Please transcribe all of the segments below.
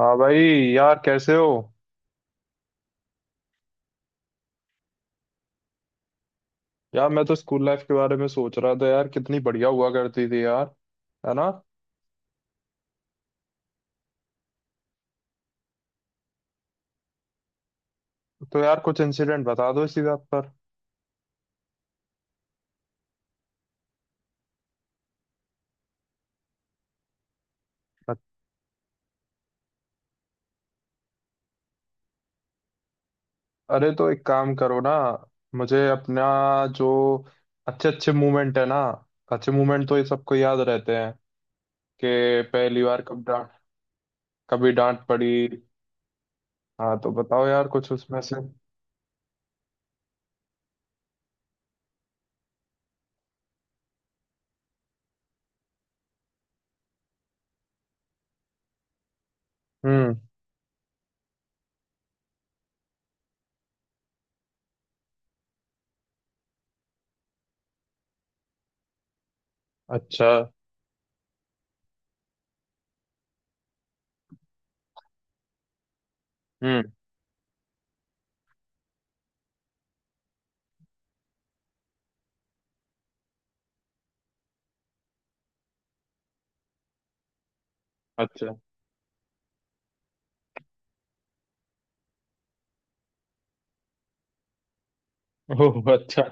हाँ भाई, यार कैसे हो? यार मैं तो स्कूल लाइफ के बारे में सोच रहा था यार, कितनी बढ़िया हुआ करती थी यार, है ना। तो यार कुछ इंसिडेंट बता दो इसी बात पर। अरे तो एक काम करो ना, मुझे अपना जो अच्छे अच्छे मोमेंट, है ना, अच्छे मोमेंट तो ये सबको याद रहते हैं कि पहली बार कब डांट, कभी डांट पड़ी। हाँ तो बताओ यार कुछ उसमें से। हम्म। अच्छा। हम्म। अच्छा। ओह अच्छा।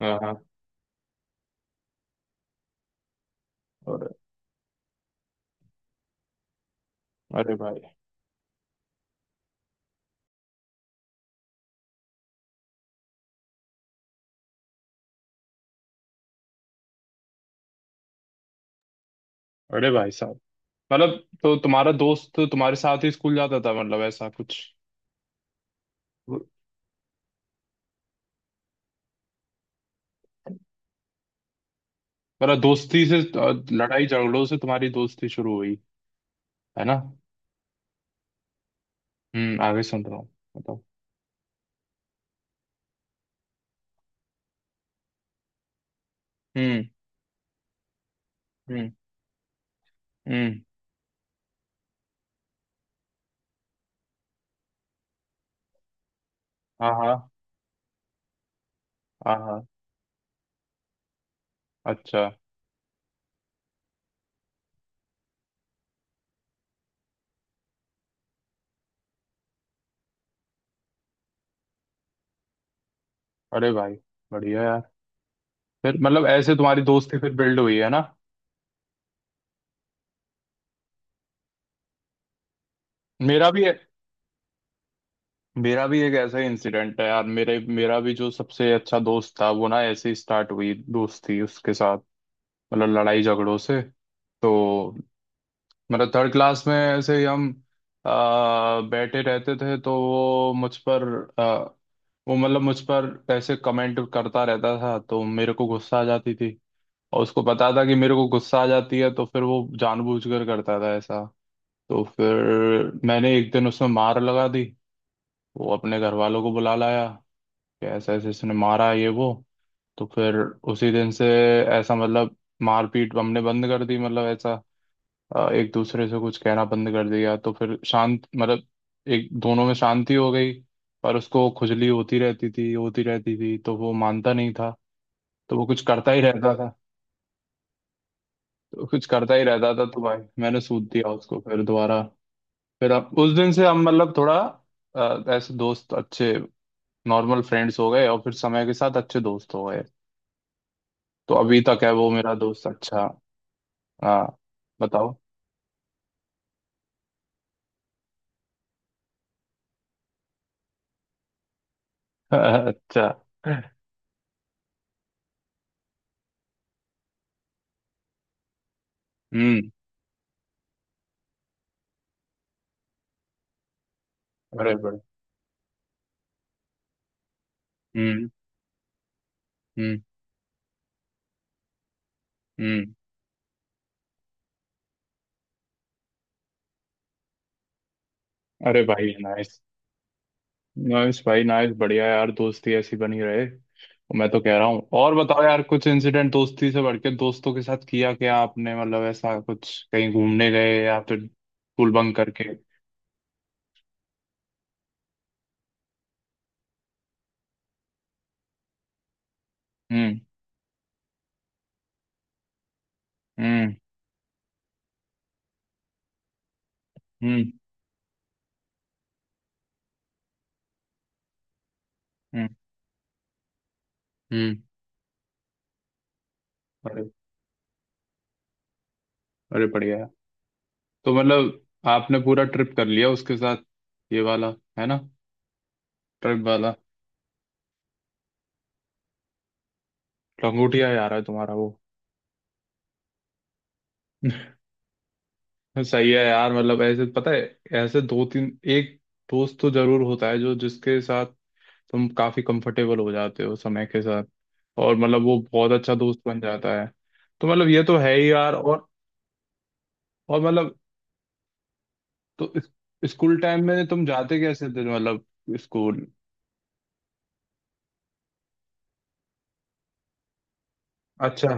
हाँ हाँ। अरे। अरे भाई। अरे भाई साहब, मतलब तो तुम्हारा दोस्त तुम्हारे साथ ही स्कूल जाता था, मतलब ऐसा कुछ? मतलब लड़ाई झगड़ों से तुम्हारी दोस्ती शुरू हुई, है ना। हम्म, आगे सुन रहा हूँ, बताओ। हम्म। हम्म। हम्म। हाँ हाँ। हाँ हाँ। अच्छा। अरे भाई, बढ़िया यार। फिर मतलब ऐसे तुम्हारी दोस्ती फिर बिल्ड हुई, है ना। मेरा भी मेरा भी एक ऐसा ही इंसिडेंट है यार, मेरे मेरा भी जो सबसे अच्छा दोस्त था वो ना ऐसे ही स्टार्ट हुई दोस्ती उसके साथ, मतलब लड़ाई झगड़ों से। तो मतलब थर्ड क्लास में ऐसे ही हम बैठे रहते थे तो वो मुझ पर आ, वो मतलब मुझ पर ऐसे कमेंट करता रहता था तो मेरे को गुस्सा आ जाती थी। और उसको पता था कि मेरे को गुस्सा आ जाती है तो फिर वो जानबूझकर करता था ऐसा। तो फिर मैंने एक दिन उसमें मार लगा दी। वो अपने घर वालों को बुला लाया कि ऐसा ऐसे इसने मारा है, ये वो। तो फिर उसी दिन से ऐसा मतलब मारपीट हमने बंद कर दी, मतलब ऐसा एक दूसरे से कुछ कहना बंद कर दिया। तो फिर शांत मतलब एक दोनों में शांति हो गई। पर उसको खुजली होती रहती थी, तो वो मानता नहीं था। तो वो कुछ करता ही रहता था। तो कुछ करता ही रहता था तो भाई मैंने सूद दिया उसको फिर दोबारा। फिर अब उस दिन से हम मतलब थोड़ा ऐसे दोस्त अच्छे नॉर्मल फ्रेंड्स हो गए और फिर समय के साथ अच्छे दोस्त हो गए। तो अभी तक है वो मेरा दोस्त अच्छा। हाँ, बताओ। अच्छा। हम्म। बड़े बड़े। हम्म। हम्म। हम्म। अरे भाई, नाइस। नाइस भाई, नाइस, बढ़िया यार, दोस्ती ऐसी बनी रहे। मैं तो कह रहा हूँ, और बताओ यार कुछ इंसिडेंट दोस्ती से बढ़ के दोस्तों के साथ किया क्या आपने, मतलब ऐसा कुछ कहीं घूमने गए या फिर स्कूल बंक करके। हम्म। हम्म। हम्म। हम्म। हम्म। अरे। अरे बढ़िया यार। तो मतलब आपने पूरा ट्रिप कर लिया उसके साथ, ये वाला, है ना, ट्रिप वाला। लंगोटिया यार है तुम्हारा वो। सही है यार, मतलब ऐसे पता है, ऐसे दो तीन एक दोस्त तो जरूर होता है जो जिसके साथ तुम काफी कंफर्टेबल हो जाते हो समय के साथ और मतलब वो बहुत अच्छा दोस्त बन जाता है। तो मतलब ये तो है ही यार। और मतलब, तो स्कूल टाइम में तुम जाते कैसे थे, मतलब स्कूल? अच्छा।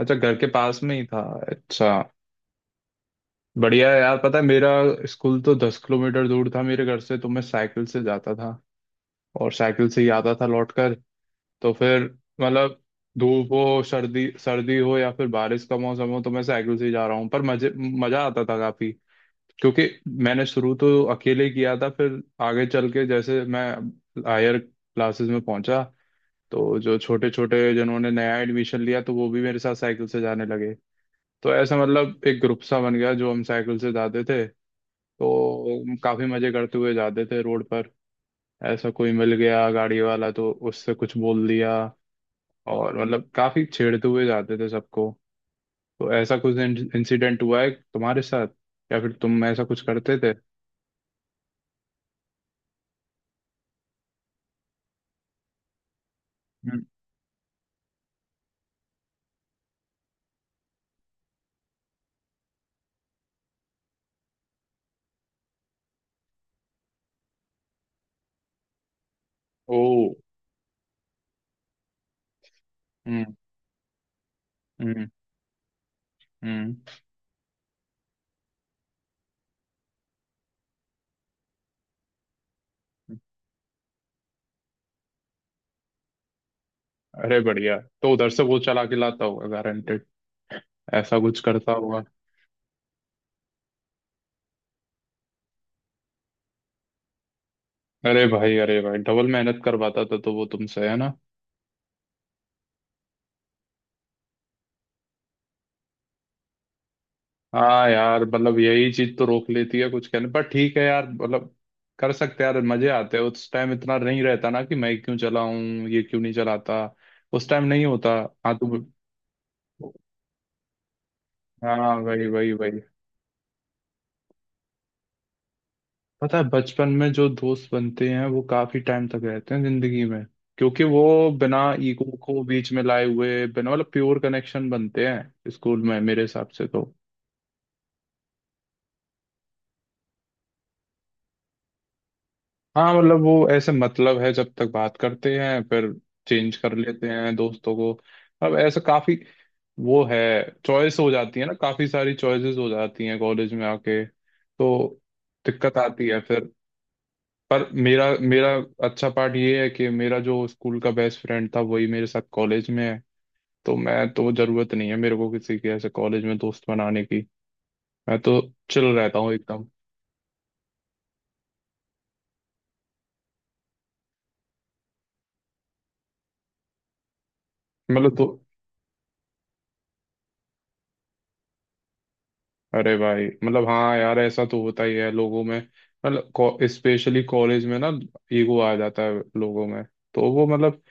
अच्छा, घर के पास में ही था। अच्छा, बढ़िया है यार। पता है, मेरा स्कूल तो 10 किलोमीटर दूर था मेरे घर से, तो मैं साइकिल से जाता था और साइकिल से ही आता था लौट कर। तो फिर मतलब धूप हो, सर्दी सर्दी हो या फिर बारिश का मौसम हो, तो मैं साइकिल से ही जा रहा हूँ, पर मजे मजा आता था काफी। क्योंकि मैंने शुरू तो अकेले किया था, फिर आगे चल के जैसे मैं हायर क्लासेस में पहुंचा, तो जो छोटे छोटे जिन्होंने नया एडमिशन लिया, तो वो भी मेरे साथ साइकिल से जाने लगे। तो ऐसा मतलब एक ग्रुप सा बन गया जो हम साइकिल से जाते थे। तो काफी मजे करते हुए जाते थे रोड पर। ऐसा कोई मिल गया गाड़ी वाला तो उससे कुछ बोल दिया और मतलब काफी छेड़ते हुए जाते थे सबको। तो ऐसा कुछ इंसिडेंट हुआ है तुम्हारे साथ या फिर तुम ऐसा कुछ करते थे? हम्म। ओ। हम्म। हम्म। हम्म। अरे बढ़िया, तो उधर से वो चला के लाता होगा गारंटेड, ऐसा कुछ करता होगा। अरे भाई। अरे भाई, डबल मेहनत करवाता था तो वो तुमसे, है ना। हाँ यार, मतलब यही चीज तो रोक लेती है कुछ कहने पर। ठीक है यार, मतलब कर सकते हैं यार, मजे आते हैं। उस टाइम इतना नहीं रहता ना कि मैं क्यों चलाऊं, ये क्यों नहीं चलाता, उस टाइम नहीं होता। हाँ तू। हाँ, वही वही वही। पता है, बचपन में जो दोस्त बनते हैं वो काफी टाइम तक रहते हैं जिंदगी में, क्योंकि वो बिना ईगो को बीच में लाए हुए बिना, मतलब प्योर कनेक्शन बनते हैं स्कूल में मेरे हिसाब से तो। हाँ, मतलब वो ऐसे मतलब है, जब तक बात करते हैं फिर चेंज कर लेते हैं दोस्तों को। अब ऐसा काफी वो है चॉइस हो जाती है ना, काफी सारी चॉइसेस हो जाती हैं कॉलेज में आके, तो दिक्कत आती है फिर। पर मेरा मेरा अच्छा पार्ट ये है कि मेरा जो स्कूल का बेस्ट फ्रेंड था वही मेरे साथ कॉलेज में है, तो मैं तो जरूरत नहीं है मेरे को किसी के ऐसे कॉलेज में दोस्त बनाने की। मैं तो चिल रहता हूँ एकदम। मतलब तो, अरे भाई मतलब हाँ यार, ऐसा तो होता ही है लोगों में। मतलब स्पेशली कॉलेज में ना, ईगो आ जाता है लोगों में, तो वो मतलब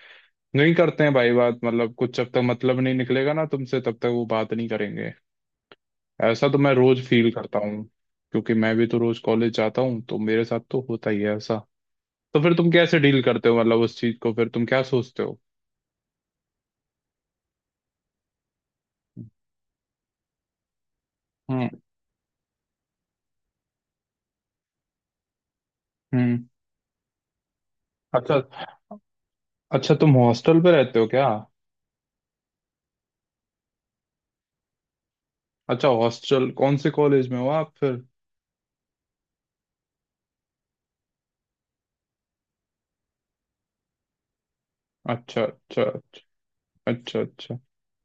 नहीं करते हैं भाई बात, मतलब कुछ जब तक मतलब नहीं निकलेगा ना तुमसे तब तक वो बात नहीं करेंगे। ऐसा तो मैं रोज फील करता हूँ, क्योंकि मैं भी तो रोज कॉलेज जाता हूँ, तो मेरे साथ तो होता ही है ऐसा। तो फिर तुम कैसे डील करते हो मतलब उस चीज को, फिर तुम क्या सोचते हो? हम्म। हम्म। अच्छा। अच्छा, तुम हॉस्टल पे रहते हो क्या? अच्छा, हॉस्टल कौन से कॉलेज में हो आप फिर? अच्छा अच्छा अच्छा। अच्छा अच्छा।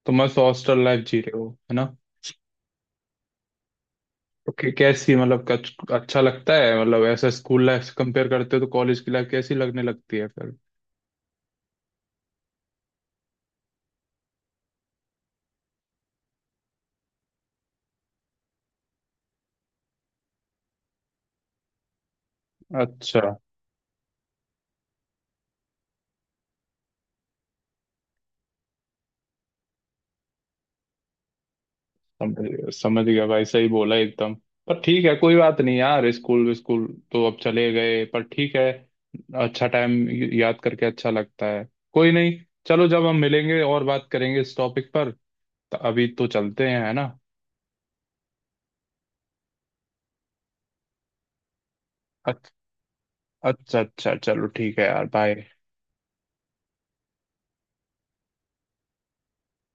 तो मस्त हॉस्टल लाइफ जी रहे हो, है ना। तो कैसी मतलब अच्छा लगता है, मतलब ऐसा स्कूल लाइफ से कंपेयर करते हो तो कॉलेज की लाइफ कैसी लगने लगती है फिर? अच्छा। समझ गया, समझ गया भाई, सही बोला एकदम। पर ठीक है, कोई बात नहीं यार, स्कूल स्कूल तो अब चले गए पर ठीक है। अच्छा टाइम, याद करके अच्छा लगता है। कोई नहीं, चलो जब हम मिलेंगे और बात करेंगे इस टॉपिक पर, तो अभी तो चलते हैं, है ना। अच्छा। अच्छा अच्छा, चलो ठीक है यार, बाय।